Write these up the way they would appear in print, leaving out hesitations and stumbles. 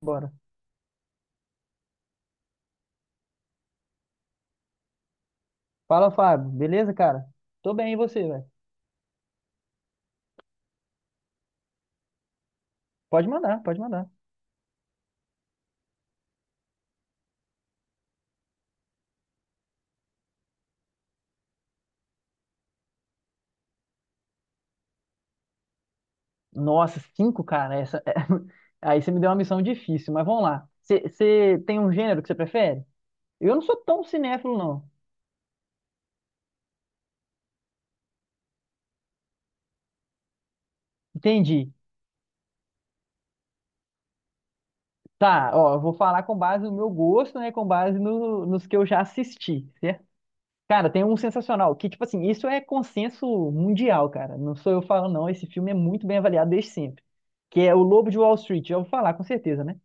Bora. Fala, Fábio. Beleza, cara? Tô bem, e você, velho? Pode mandar, pode mandar. Nossa, 5, cara. Essa... Aí você me deu uma missão difícil, mas vamos lá. Você tem um gênero que você prefere? Eu não sou tão cinéfilo, não. Entendi. Tá, ó, eu vou falar com base no meu gosto, né? Com base nos que eu já assisti, certo? Cara, tem um sensacional, que, tipo assim, isso é consenso mundial, cara. Não sou eu falando, não. Esse filme é muito bem avaliado desde sempre. Que é O Lobo de Wall Street. Já vou falar, com certeza, né?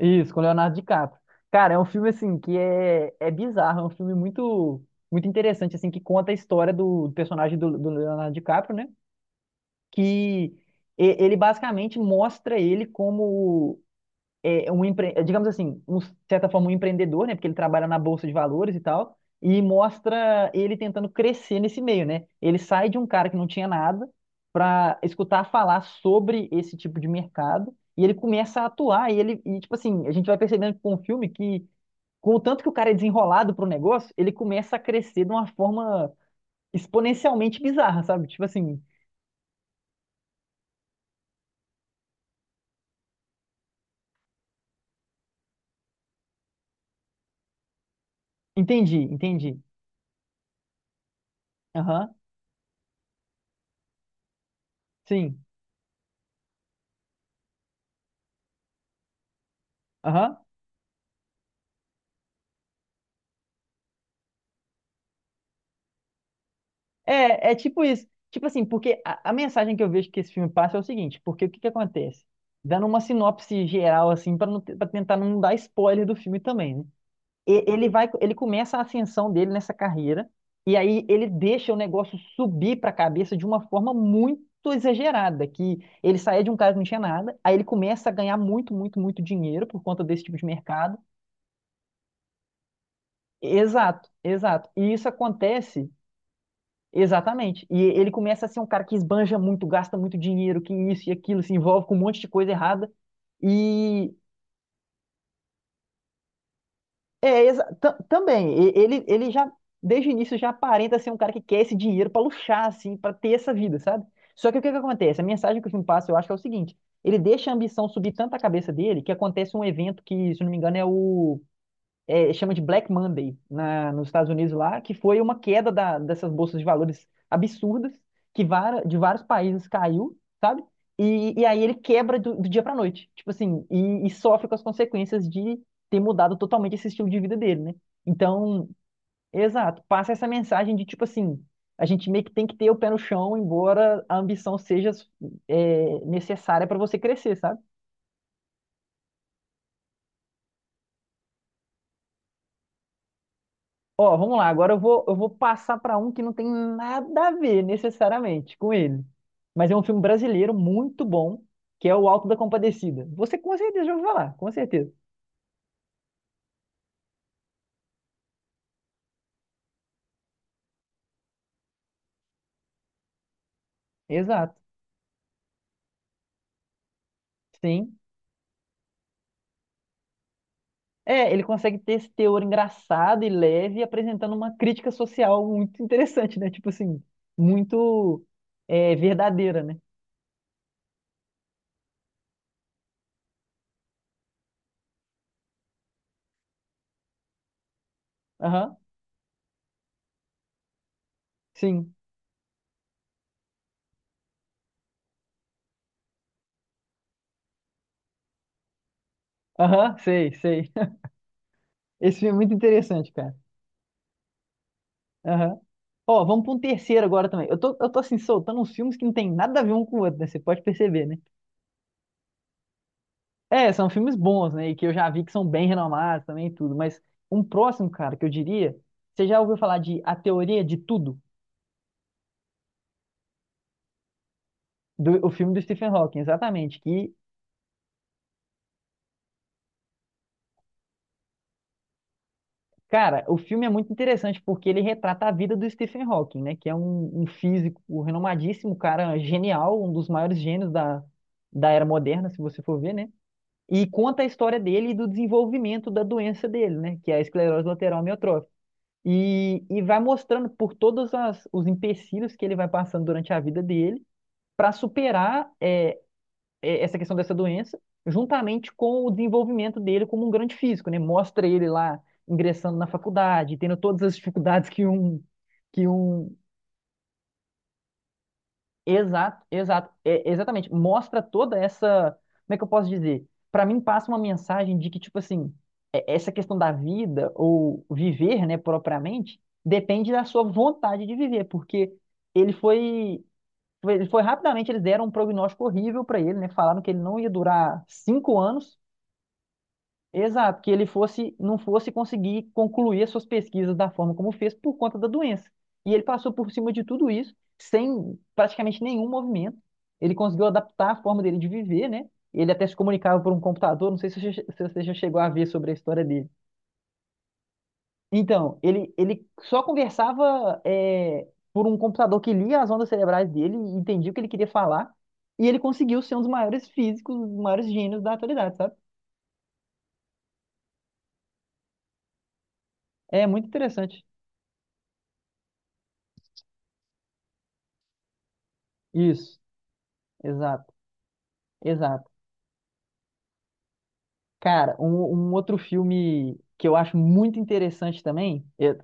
Isso, com Leonardo DiCaprio. Cara, é um filme assim que é bizarro, é um filme muito interessante assim que conta a história do personagem do Leonardo DiCaprio, né? Que Ele basicamente mostra ele como é um digamos assim, um, de certa forma, um empreendedor, né? Porque ele trabalha na bolsa de valores e tal, e mostra ele tentando crescer nesse meio, né? Ele sai de um cara que não tinha nada para escutar falar sobre esse tipo de mercado e ele começa a atuar e ele e tipo assim, a gente vai percebendo com o filme que com o tanto que o cara é desenrolado pro negócio, ele começa a crescer de uma forma exponencialmente bizarra, sabe? Tipo assim, entendi, entendi. Aham, sim. Aham. É, é tipo isso. Tipo assim, porque a mensagem que eu vejo que esse filme passa é o seguinte, porque o que que acontece? Dando uma sinopse geral, assim, para não, para tentar não dar spoiler do filme também, né? Ele vai, ele começa a ascensão dele nessa carreira, e aí ele deixa o negócio subir para a cabeça de uma forma muito exagerada, que ele saía de um cara que não tinha nada, aí ele começa a ganhar muito dinheiro por conta desse tipo de mercado. Exato, exato. E isso acontece. Exatamente. E ele começa a ser um cara que esbanja muito, gasta muito dinheiro, que isso e aquilo, se envolve com um monte de coisa errada. E é também, ele, ele já, desde o início, já aparenta ser um cara que quer esse dinheiro pra luxar, assim, pra ter essa vida, sabe? Só que o que que acontece? A mensagem que o filme passa, eu acho que é o seguinte: ele deixa a ambição subir tanto a cabeça dele que acontece um evento que, se eu não me engano, é chama de Black Monday nos Estados Unidos lá, que foi uma queda dessas bolsas de valores absurdas, de vários países caiu, sabe? E aí ele quebra do dia para noite, tipo assim, e sofre com as consequências de ter mudado totalmente esse estilo de vida dele, né? Então, exato, passa essa mensagem de tipo assim, a gente meio que tem que ter o pé no chão, embora a ambição seja necessária para você crescer, sabe? Ó, vamos lá. Agora eu vou passar para um que não tem nada a ver necessariamente com ele. Mas é um filme brasileiro muito bom, que é O Alto da Compadecida. Você com certeza já ouviu falar, com certeza. Exato. Sim. É, ele consegue ter esse teor engraçado e leve, apresentando uma crítica social muito interessante, né? Tipo assim, muito verdadeira, né? Aham, sim. Aham, sei, sei. Esse filme é muito interessante, cara. Ó, vamos para um terceiro agora também. Eu tô assim, soltando uns filmes que não tem nada a ver um com o outro, né? Você pode perceber, né? É, são filmes bons, né? E que eu já vi que são bem renomados também e tudo. Mas um próximo, cara, que eu diria, você já ouviu falar de A Teoria de Tudo? O filme do Stephen Hawking, exatamente. Que, cara, o filme é muito interessante porque ele retrata a vida do Stephen Hawking, né? Que é um físico renomadíssimo, um cara, genial, um dos maiores gênios da era moderna, se você for ver, né? E conta a história dele e do desenvolvimento da doença dele, né? Que é a esclerose lateral amiotrófica. E vai mostrando por todos os empecilhos que ele vai passando durante a vida dele para superar essa questão dessa doença, juntamente com o desenvolvimento dele como um grande físico, né? Mostra ele lá ingressando na faculdade, tendo todas as dificuldades que um. Exato, exato, é, exatamente. Mostra toda essa, como é que eu posso dizer? Pra mim passa uma mensagem de que tipo assim, essa questão da vida ou viver, né, propriamente, depende da sua vontade de viver, porque ele foi, ele foi rapidamente. Eles deram um prognóstico horrível pra ele, né? Falaram que ele não ia durar 5 anos. Exato, que ele fosse, não fosse conseguir concluir as suas pesquisas da forma como fez por conta da doença. E ele passou por cima de tudo isso, sem praticamente nenhum movimento. Ele conseguiu adaptar a forma dele de viver, né? Ele até se comunicava por um computador, não sei se você já se você já chegou a ver sobre a história dele. Então, ele só conversava por um computador que lia as ondas cerebrais dele e entendia o que ele queria falar. E ele conseguiu ser um dos maiores físicos, um dos maiores gênios da atualidade, sabe? É muito interessante. Isso, exato. Exato. Cara, um outro filme que eu acho muito interessante também,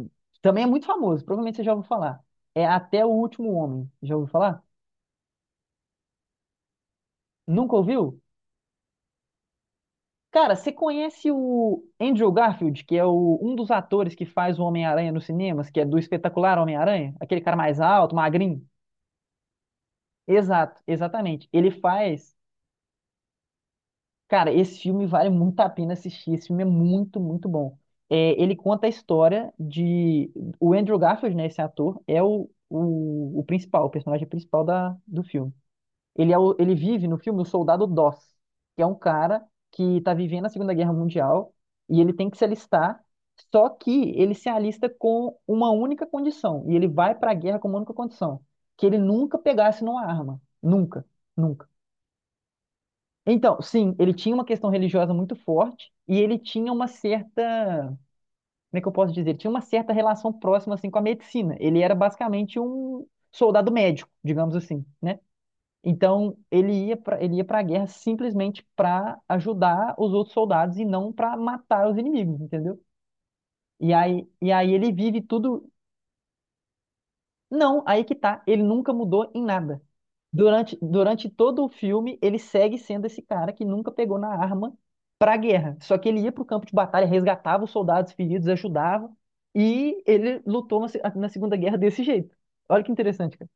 também é muito famoso, provavelmente você já ouviu falar, é Até o Último Homem. Já ouviu falar? Nunca ouviu? Cara, você conhece o Andrew Garfield, que é um dos atores que faz o Homem-Aranha nos cinemas, que é do espetacular Homem-Aranha? Aquele cara mais alto, magrinho? Exato, exatamente. Ele faz. Cara, esse filme vale muito a pena assistir. Esse filme é muito bom. É, ele conta a história de. O Andrew Garfield, né? Esse ator, é o principal, o personagem principal do filme. Ele, é ele vive no filme o soldado Doss, que é um cara que tá vivendo a 2ª Guerra Mundial e ele tem que se alistar. Só que ele se alista com uma única condição. E ele vai pra guerra com uma única condição: que ele nunca pegasse numa arma. Nunca. Nunca. Então, sim, ele tinha uma questão religiosa muito forte e ele tinha uma certa, como é que eu posso dizer? Ele tinha uma certa relação próxima assim com a medicina. Ele era basicamente um soldado médico, digamos assim, né? Então, ele ia para a guerra simplesmente para ajudar os outros soldados e não para matar os inimigos, entendeu? E aí ele vive tudo. Não, aí que tá. Ele nunca mudou em nada. Durante todo o filme, ele segue sendo esse cara que nunca pegou na arma pra guerra. Só que ele ia pro campo de batalha, resgatava os soldados feridos, ajudava. E ele lutou na, se- na 2ª Guerra desse jeito. Olha que interessante, cara.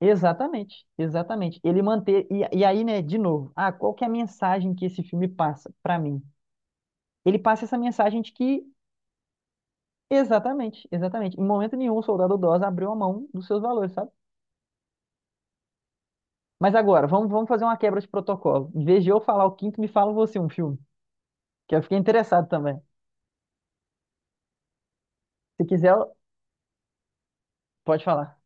Exatamente, exatamente. Ele manter. E aí, né, de novo, ah, qual que é a mensagem que esse filme passa pra mim? Ele passa essa mensagem de que, exatamente, exatamente, em momento nenhum o soldado Oz abriu a mão dos seus valores, sabe? Mas agora, vamos fazer uma quebra de protocolo. Em vez de eu falar o 5º, me fala você um filme. Que eu fiquei interessado também. Se quiser, pode falar.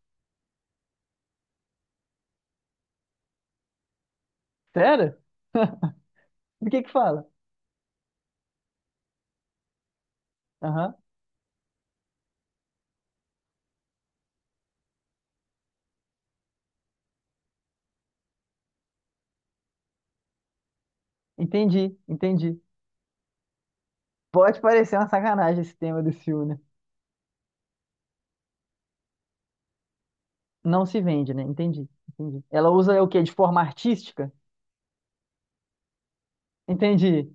Sério? Por que que fala? Aham. Entendi, entendi. Pode parecer uma sacanagem esse tema desse filme, né? Não se vende, né? Entendi, entendi. Ela usa o quê? De forma artística? Entendi.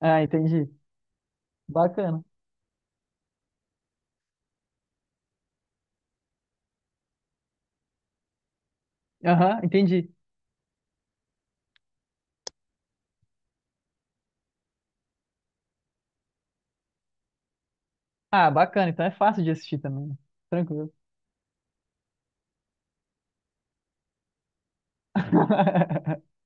Ah, entendi. Bacana. Aham, entendi. Ah, bacana. Então é fácil de assistir também, né? Tranquilo.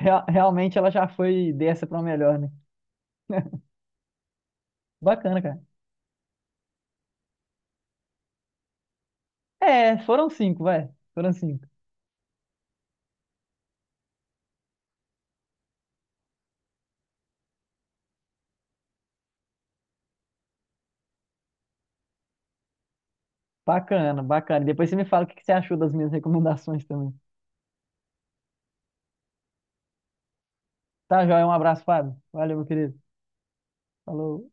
Realmente ela já foi dessa pra uma melhor, né? Bacana, cara. É, foram 5, vai. Foram 5. Bacana, bacana. Depois você me fala o que que você achou das minhas recomendações também. Tá, joia? Um abraço, Fábio. Valeu, meu querido. Falou.